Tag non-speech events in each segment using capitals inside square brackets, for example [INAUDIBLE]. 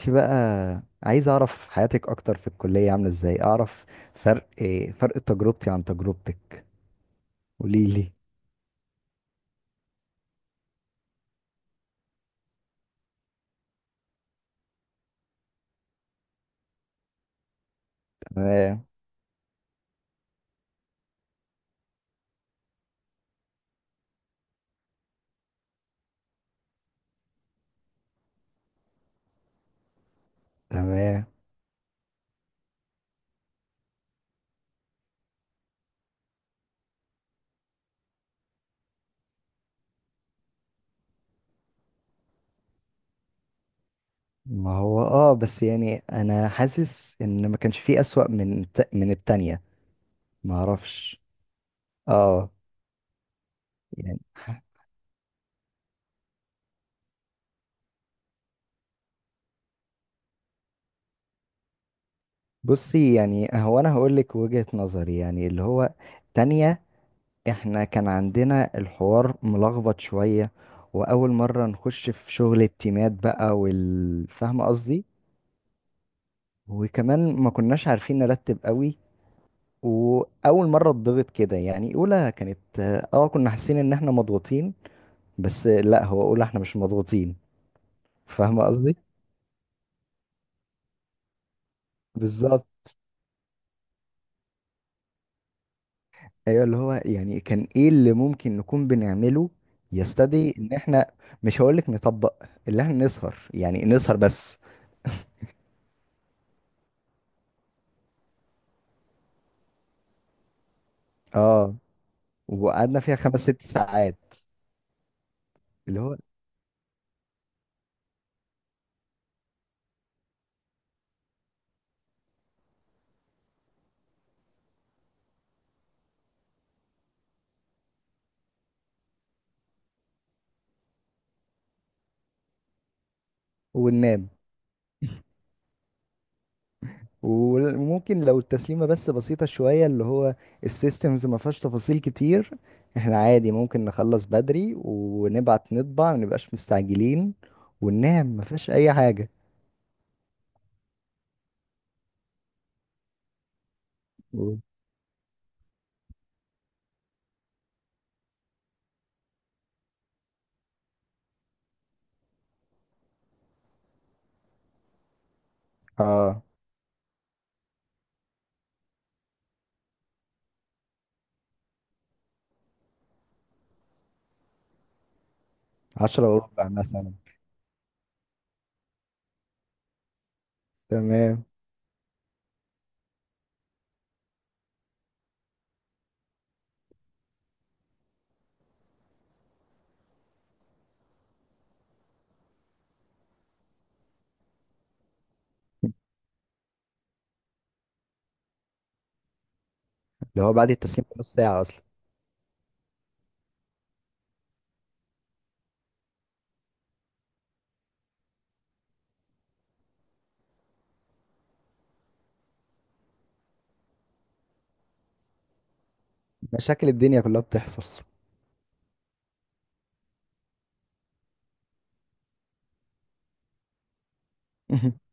انت بقى، عايز اعرف حياتك اكتر في الكلية، عاملة ازاي. اعرف إيه فرق تجربتي عن تجربتك. قولي لي. تمام. تمام. ما هو بس يعني انا حاسس ان ما كانش فيه اسوأ من من التانية. ما اعرفش. اه يعني بصي، يعني هو انا هقول لك وجهة نظري يعني اللي هو. تانية. احنا كان عندنا الحوار ملخبط شوية، واول مرة نخش في شغل التيمات بقى، والفاهمة قصدي. وكمان ما كناش عارفين نرتب قوي. واول مره اتضغط كده، يعني اولى كانت، اه كنا حاسين ان احنا مضغوطين. بس لا، هو اولى احنا مش مضغوطين. فاهمه قصدي. بالظبط. ايوه، اللي هو يعني كان ايه اللي ممكن نكون بنعمله يستدعي ان احنا. مش هقولك نطبق، اللي احنا نسهر يعني نسهر بس. اه وقعدنا فيها خمس ست ساعات. اللي هو وننام، وممكن لو التسليمة بس بسيطة شوية، اللي هو السيستمز ما فيهاش تفاصيل كتير، احنا عادي ممكن نخلص بدري ونبعت نطبع، ما نبقاش مستعجلين وننام، ما فيهاش أي حاجة. و- اه عشرة وربع مثلا. تمام، اللي هو بعد التسليم بنص ساعة أصلا. مشاكل الدنيا كلها بتحصل. [LAUGHS]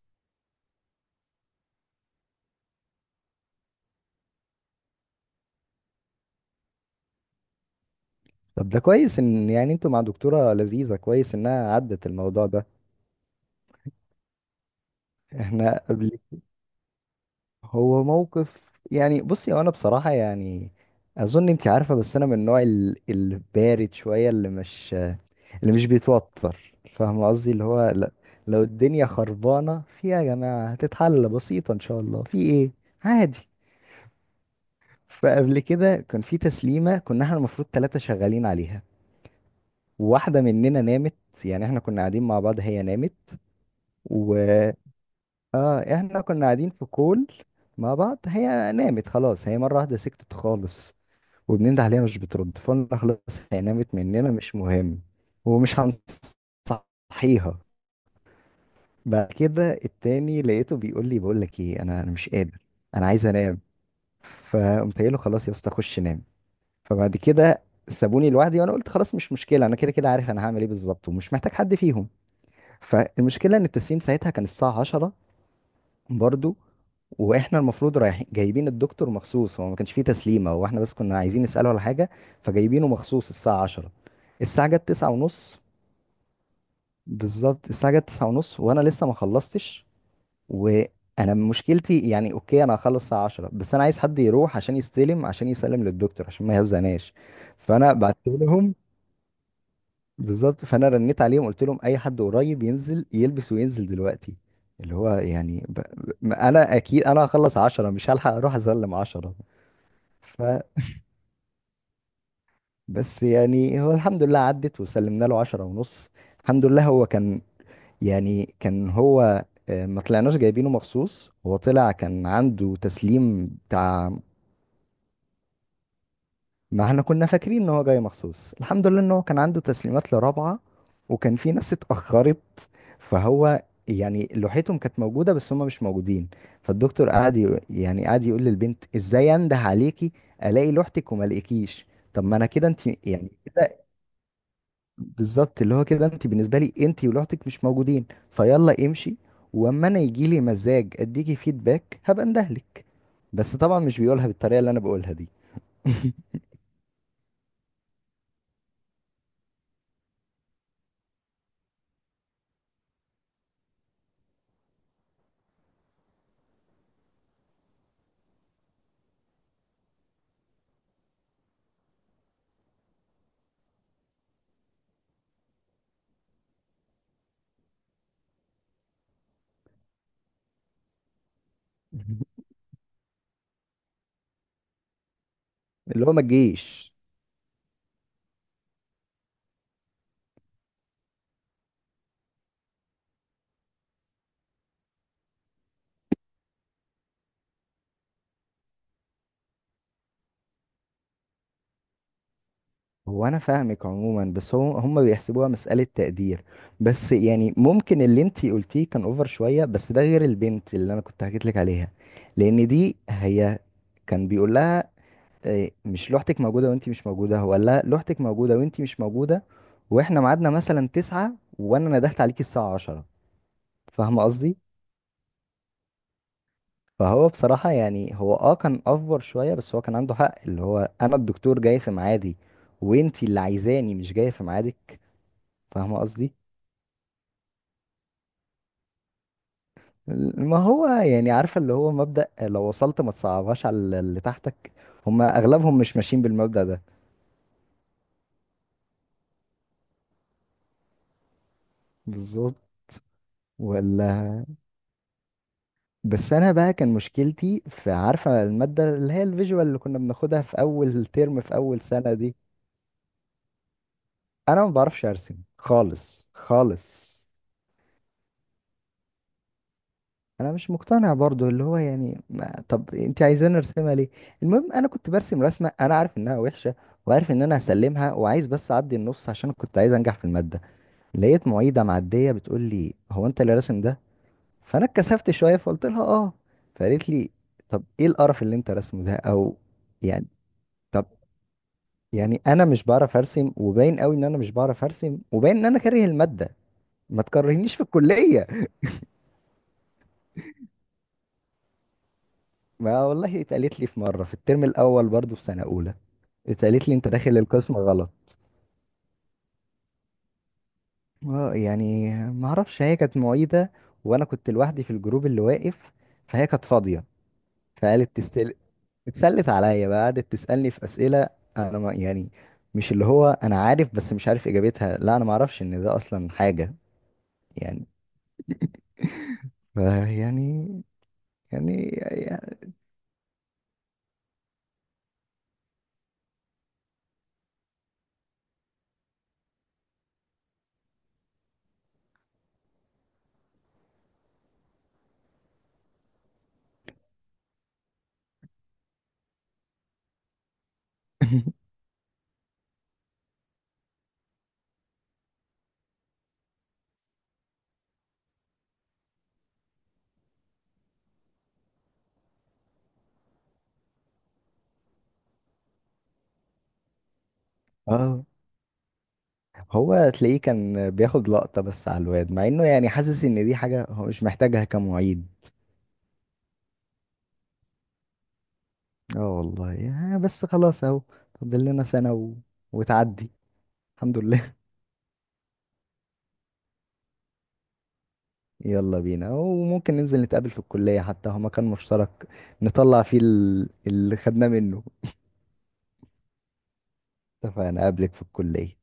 طب ده كويس، إن يعني انتوا مع دكتورة لذيذة، كويس إنها عدت الموضوع ده. احنا قبل. هو موقف، يعني بصي هو انا بصراحة يعني اظن انت عارفة، بس انا من النوع البارد شوية اللي مش بيتوتر. فاهم قصدي، اللي هو لا، لو الدنيا خربانة فيها يا جماعة هتتحل بسيطة ان شاء الله، في ايه. عادي. فقبل كده كان في تسليمة كنا احنا المفروض ثلاثة شغالين عليها، واحدة مننا نامت. يعني احنا كنا قاعدين مع بعض، هي نامت. و اه احنا كنا قاعدين في كول مع بعض، هي نامت خلاص. هي مرة واحدة سكتت خالص، وبننده عليها مش بترد، فقلنا خلاص هي نامت مننا مش مهم، ومش هنصحيها. بعد كده التاني لقيته بيقول لي، بقول لك ايه، انا مش قادر، انا عايز انام. فقمت قايل له خلاص يا اسطى، خش نام. فبعد كده سابوني لوحدي، وانا قلت خلاص مش مشكله، انا كده كده عارف انا هعمل ايه بالظبط، ومش محتاج حد فيهم. فالمشكله ان التسليم ساعتها كان الساعه 10 برضو، واحنا المفروض رايحين جايبين الدكتور مخصوص. هو ما كانش فيه تسليمه، هو احنا بس كنا عايزين نساله على حاجه، فجايبينه مخصوص الساعه 10. الساعه جت 9 ونص. بالظبط الساعه جت 9 ونص وانا لسه ما خلصتش، وانا مشكلتي يعني اوكي انا هخلص الساعه 10، بس انا عايز حد يروح عشان يستلم، عشان يسلم للدكتور عشان ما يهزناش. فانا بعت لهم. بالظبط، فانا رنيت عليهم قلت لهم اي حد قريب ينزل يلبس وينزل دلوقتي، اللي هو يعني انا اكيد انا هخلص عشرة، مش هلحق اروح اسلم عشرة. ف بس يعني هو الحمد لله عدت وسلمنا له عشرة ونص. الحمد لله هو كان، يعني كان هو ما طلعناش جايبينه مخصوص، هو طلع كان عنده تسليم بتاع. ما احنا كنا فاكرين ان هو جاي مخصوص. الحمد لله ان هو كان عنده تسليمات لرابعة، وكان في ناس اتأخرت، فهو يعني لوحتهم كانت موجودة بس هم مش موجودين، فالدكتور قعد يق- يعني قعد يقول للبنت ازاي انده عليكي، الاقي لوحتك وما الاقيكيش. طب ما انا كده، انت يعني كده. بالظبط، اللي هو كده انت بالنسبة لي، انت ولوحتك مش موجودين، فيلا امشي. واما انا يجي لي مزاج اديكي فيدباك هبقى اندهلك. بس طبعا مش بيقولها بالطريقة اللي انا بقولها دي. [LAUGHS] اللي هو ما تجيش. هو انا فاهمك عموما، بس هو هم بيحسبوها مسألة تقدير. بس يعني ممكن اللي انتي قلتيه كان اوفر شوية، بس ده غير البنت اللي انا كنت حكيت لك عليها، لان دي هي كان بيقول لها إيه، مش لوحتك موجودة وانتي مش موجودة. هو قال لها لوحتك موجودة وانتي مش موجودة، واحنا ميعادنا مثلا تسعة وانا ندهت عليكي الساعة عشرة. فاهمة قصدي؟ فهو بصراحة يعني هو كان اوفر شوية، بس هو كان عنده حق، اللي هو انا الدكتور جاي في ميعادي، وانتي اللي عايزاني مش جاية في ميعادك. فاهمة قصدي؟ ما هو يعني عارفة اللي هو مبدأ لو وصلت ما تصعبهاش على اللي تحتك. هما أغلبهم مش ماشيين بالمبدأ ده. بالظبط. ولا. بس أنا بقى كان مشكلتي في، عارفة المادة اللي هي الفيجوال اللي كنا بناخدها في أول ترم في أول سنة دي. أنا ما بعرفش أرسم خالص خالص. أنا مش مقتنع برضو اللي هو يعني، ما طب أنت عايزاني أرسمها ليه. المهم أنا كنت برسم رسمة أنا عارف إنها وحشة، وعارف إن أنا هسلمها، وعايز بس أعدي النص عشان كنت عايز أنجح في المادة. لقيت معيده معديه بتقول لي هو انت اللي راسم ده. فانا اتكسفت شويه فقلت لها اه. فقالت لي طب ايه القرف اللي انت راسمه ده، او يعني. طب يعني انا مش بعرف ارسم، وباين قوي ان انا مش بعرف ارسم، وباين ان انا كاره الماده. ما تكرهنيش في الكليه. ما والله اتقالت لي في مره في الترم الاول برضو في سنه اولى، اتقالت لي انت داخل القسم غلط. اه يعني ما اعرفش، هي كانت معيده وانا كنت لوحدي في الجروب اللي واقف، فهي كانت فاضيه. فقالت، اتسلت عليا بقى قعدت تسألني في أسئلة، أنا ما يعني مش اللي هو أنا عارف بس مش عارف إجابتها، لا أنا ما أعرفش إن ده أصلا حاجة. يعني ف- يعني يعني- [LAUGHS] اه هو تلاقيه كان بياخد لقطة بس على الواد، مع إنه يعني حاسس إن دي حاجة هو مش محتاجها كمعيد. اه والله يعني، بس خلاص أهو فاضل لنا سنة وتعدي. الحمد لله. [LAUGHS] يلا بينا، وممكن ننزل نتقابل في الكلية حتى هو مكان مشترك نطلع فيه اللي خدناه منه. اتفقنا. اقابلك في الكلية.